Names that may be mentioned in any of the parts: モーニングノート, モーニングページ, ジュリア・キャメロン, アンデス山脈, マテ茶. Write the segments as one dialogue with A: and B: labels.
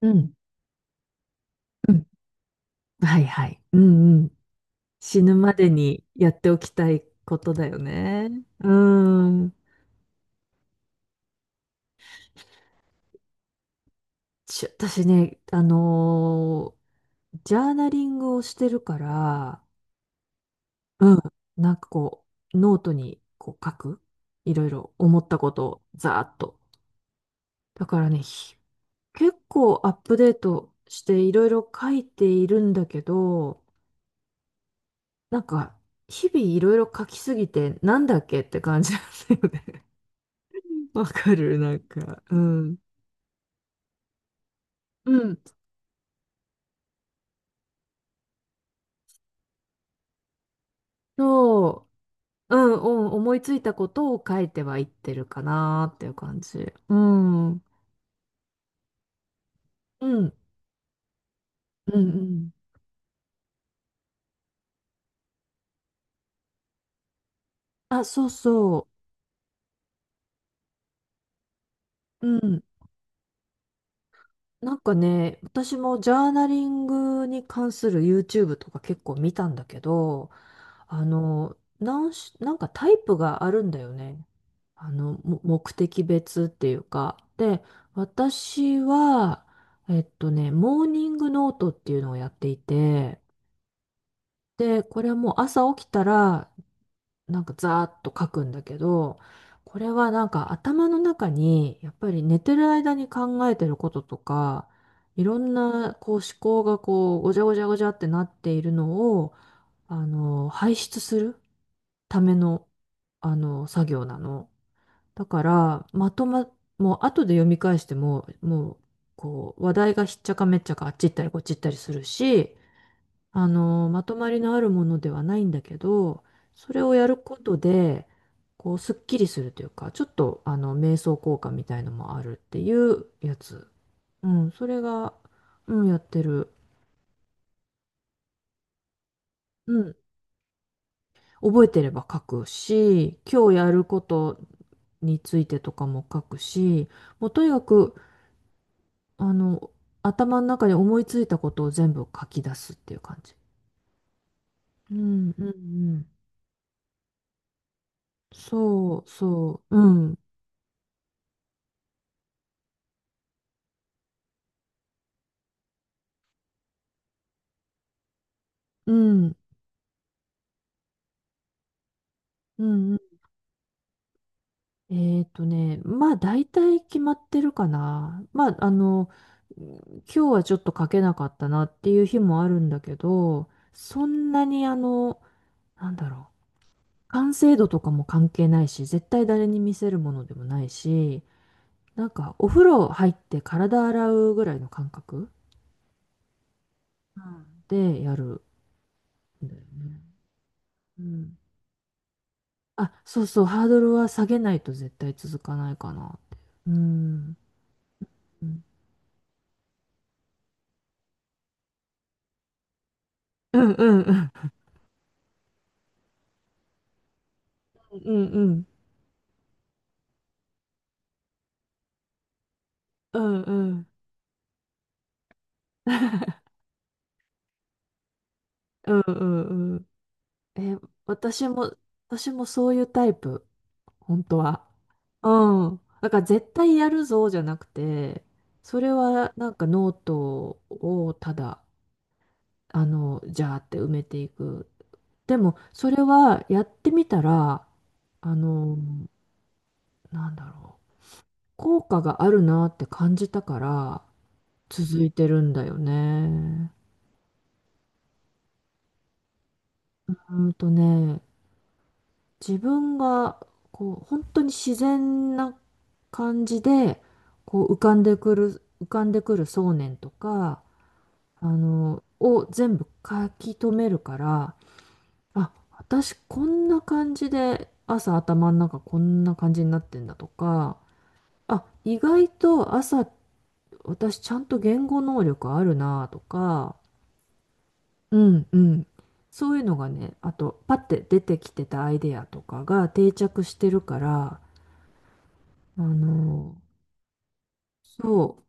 A: うん。うん。はいはい。うんうん。死ぬまでにやっておきたいことだよね。うん。私ね、ジャーナリングをしてるから、うん。なんかこノートにこう書く。いろいろ思ったことをざーっと。だからね、結構アップデートしていろいろ書いているんだけど、なんか、日々いろいろ書きすぎて、なんだっけって感じなんだよね。わかる、なんか、うん。うん、そう、うん、うん、思いついたことを書いてはいってるかなっていう感じ。うん、うん、うん、うん。あ、そうそう、うん。なんかね、私もジャーナリングに関する YouTube とか結構見たんだけど、なんかタイプがあるんだよね。あの、目的別っていうか、で、私は、モーニングノートっていうのをやっていて、で、これはもう朝起きたら、なんかザーッと書くんだけど、これはなんか頭の中に、やっぱり寝てる間に考えてることとか、いろんなこう思考がこう、ごちゃごちゃごちゃってなっているのを、あの、排出するための、あの、作業なの。だから、まとま、もう後で読み返しても、もう、こう、話題がひっちゃかめっちゃかあっち行ったりこっち行ったりするし、あの、まとまりのあるものではないんだけど、それをやることで、こう、すっきりするというか、ちょっと、あの、瞑想効果みたいのもあるっていうやつ。うん、それが、うん、やってる。うん、覚えてれば書くし、今日やることについてとかも書くし、もうとにかく、あの、頭の中に思いついたことを全部書き出すっていう感じ。うん、うん、うん。そう、そう、うん、うん、うん。うんまあ大体決まってるかな。まあ、あの、今日はちょっと書けなかったなっていう日もあるんだけど、そんなにあの、なんだろう、完成度とかも関係ないし、絶対誰に見せるものでもないし、なんかお風呂入って体洗うぐらいの感覚うんでやるんだよね。うん。あ、そうそう、ハードルは下げないと絶対続かないかなって。うん。うんうんうんうんうんうんうんうんうんうん。え、私も、私もそういうタイプ、本当は。うん。だから絶対やるぞじゃなくて、それはなんかノートをただ、あの、じゃーって埋めていく。でも、それはやってみたら、あの、なんだろう、効果があるなって感じたから、続いてるんだよね。うんとね、自分が、こう、本当に自然な感じで、こう、浮かんでくる想念とか、あの、を全部書き留めるから、あ、私こんな感じで、朝頭の中こんな感じになってんだとか、あ、意外と朝私ちゃんと言語能力あるなとか、うんうん。そういうのがね、あと、パッて出てきてたアイデアとかが定着してるから、あの、そう、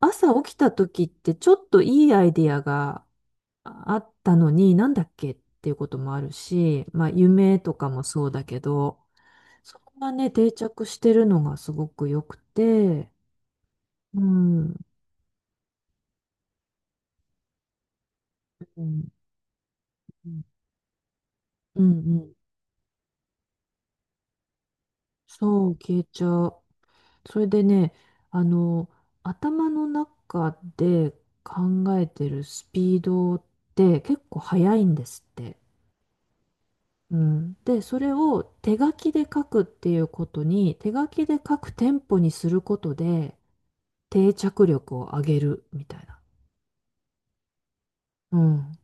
A: 朝起きた時ってちょっといいアイデアがあったのに、なんだっけっていうこともあるし、まあ、夢とかもそうだけど、そこがね、定着してるのがすごく良くて、うん、うん、うん、うん、そう、消えちゃう。それでね、あの、頭の中で考えてるスピードって結構速いんですって。うん。で、それを手書きで書くっていうことに、手書きで書くテンポにすることで定着力を上げるみたいな。うん。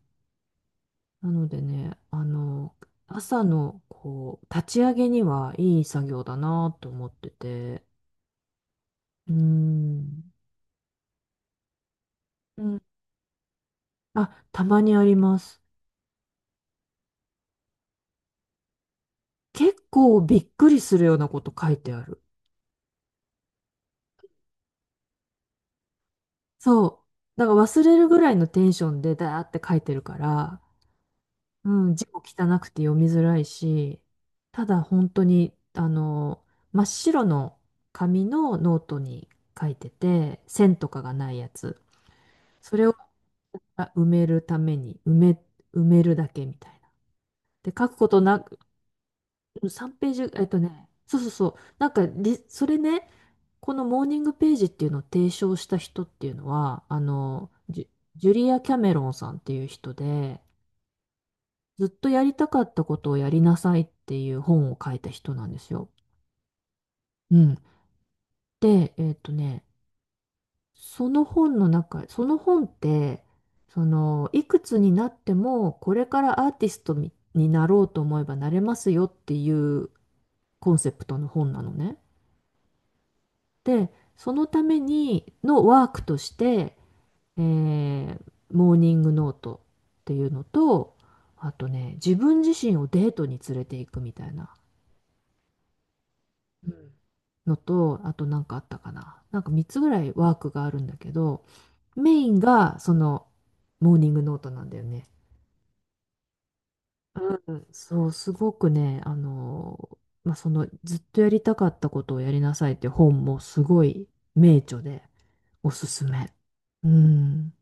A: なのでね、あの、朝のこう、立ち上げにはいい作業だなと思ってて。うん。うんあ、たまにあります。結構びっくりするようなこと書いてある。そう。だから忘れるぐらいのテンションでだーって書いてるから、うん、字も汚くて読みづらいし、ただ本当に、あの、真っ白の紙のノートに書いてて、線とかがないやつ。それを埋めるために、埋めるだけみたいな。で、書くことなく、3ページ、えっとね、そうそうそう。なんかリ、それね、このモーニングページっていうのを提唱した人っていうのは、あの、ジュリア・キャメロンさんっていう人で、ずっとやりたかったことをやりなさいっていう本を書いた人なんですよ。うん。で、えっとね、その本の中、その本って、その、いくつになっても、これからアーティストになろうと思えばなれますよっていうコンセプトの本なのね。で、そのためにのワークとして、えーモーニングノートっていうのと、あとね、自分自身をデートに連れて行くみたいなうんのと、あとなんかあったかな。なんか3つぐらいワークがあるんだけど、メインがそのモーニングノートなんだよね。うんそう、すごくね、あのまあ、そのずっとやりたかったことをやりなさいって本もすごい名著でおすすめ。うん。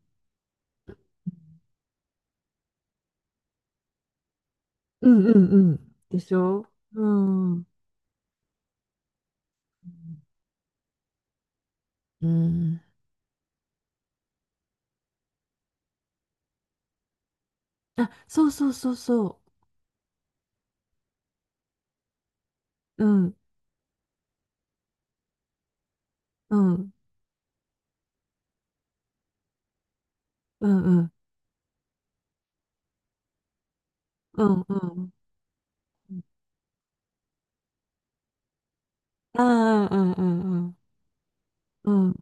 A: うんうんうん。でしょうん。うん。あ、そうそうそうそう。うん、うん、うん、うん、うん、うん。ああ、うん、うん、うん、うん、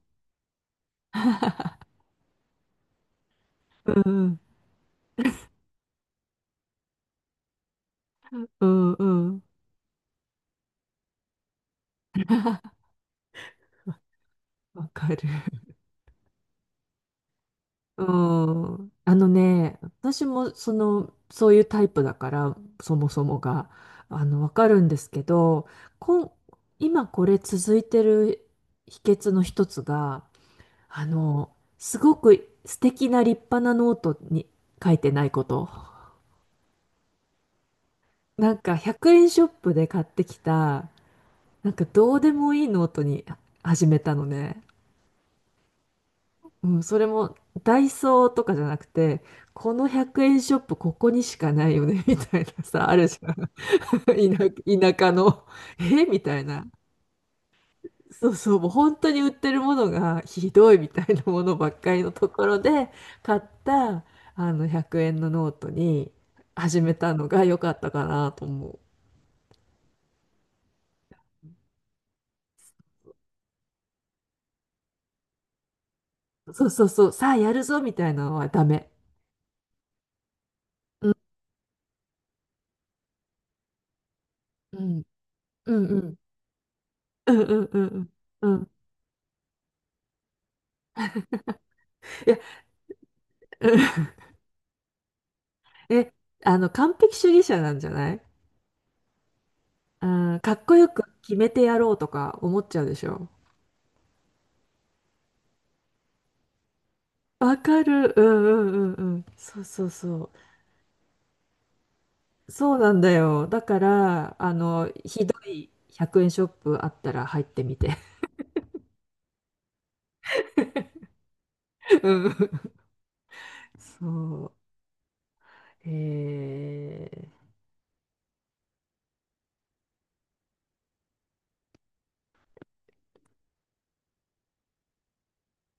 A: うん、うん、うんうんわかる。うん。あのね、私もその、そういうタイプだから、そもそもが、あの、わかるんですけど、こん、今これ続いてる秘訣の一つが、あの、すごく素敵な立派なノートに書いてないこと。なんか100円ショップで買ってきた、なんかどうでもいいノートに始めたのね。うん、それもダイソーとかじゃなくて、この100円ショップここにしかないよね、みたいなさ、あるじゃん。田舎の、えみたいな。そうそう、もう本当に売ってるものがひどいみたいなものばっかりのところで買ったあの100円のノートに始めたのが良かったかなと思う。そうそうそう、さあやるぞみたいなのはダメ。うんうん。うんうん。うんうんうんうん。うん。いや、うん え、あの、完璧主義者なんじゃないうん、かっこよく決めてやろうとか思っちゃうでしょ。わかる。うんうんうんうん。そうそうそう。そうなんだよ。だから、あの、ひどい100円ショップあったら入ってみて。うん。そう。えー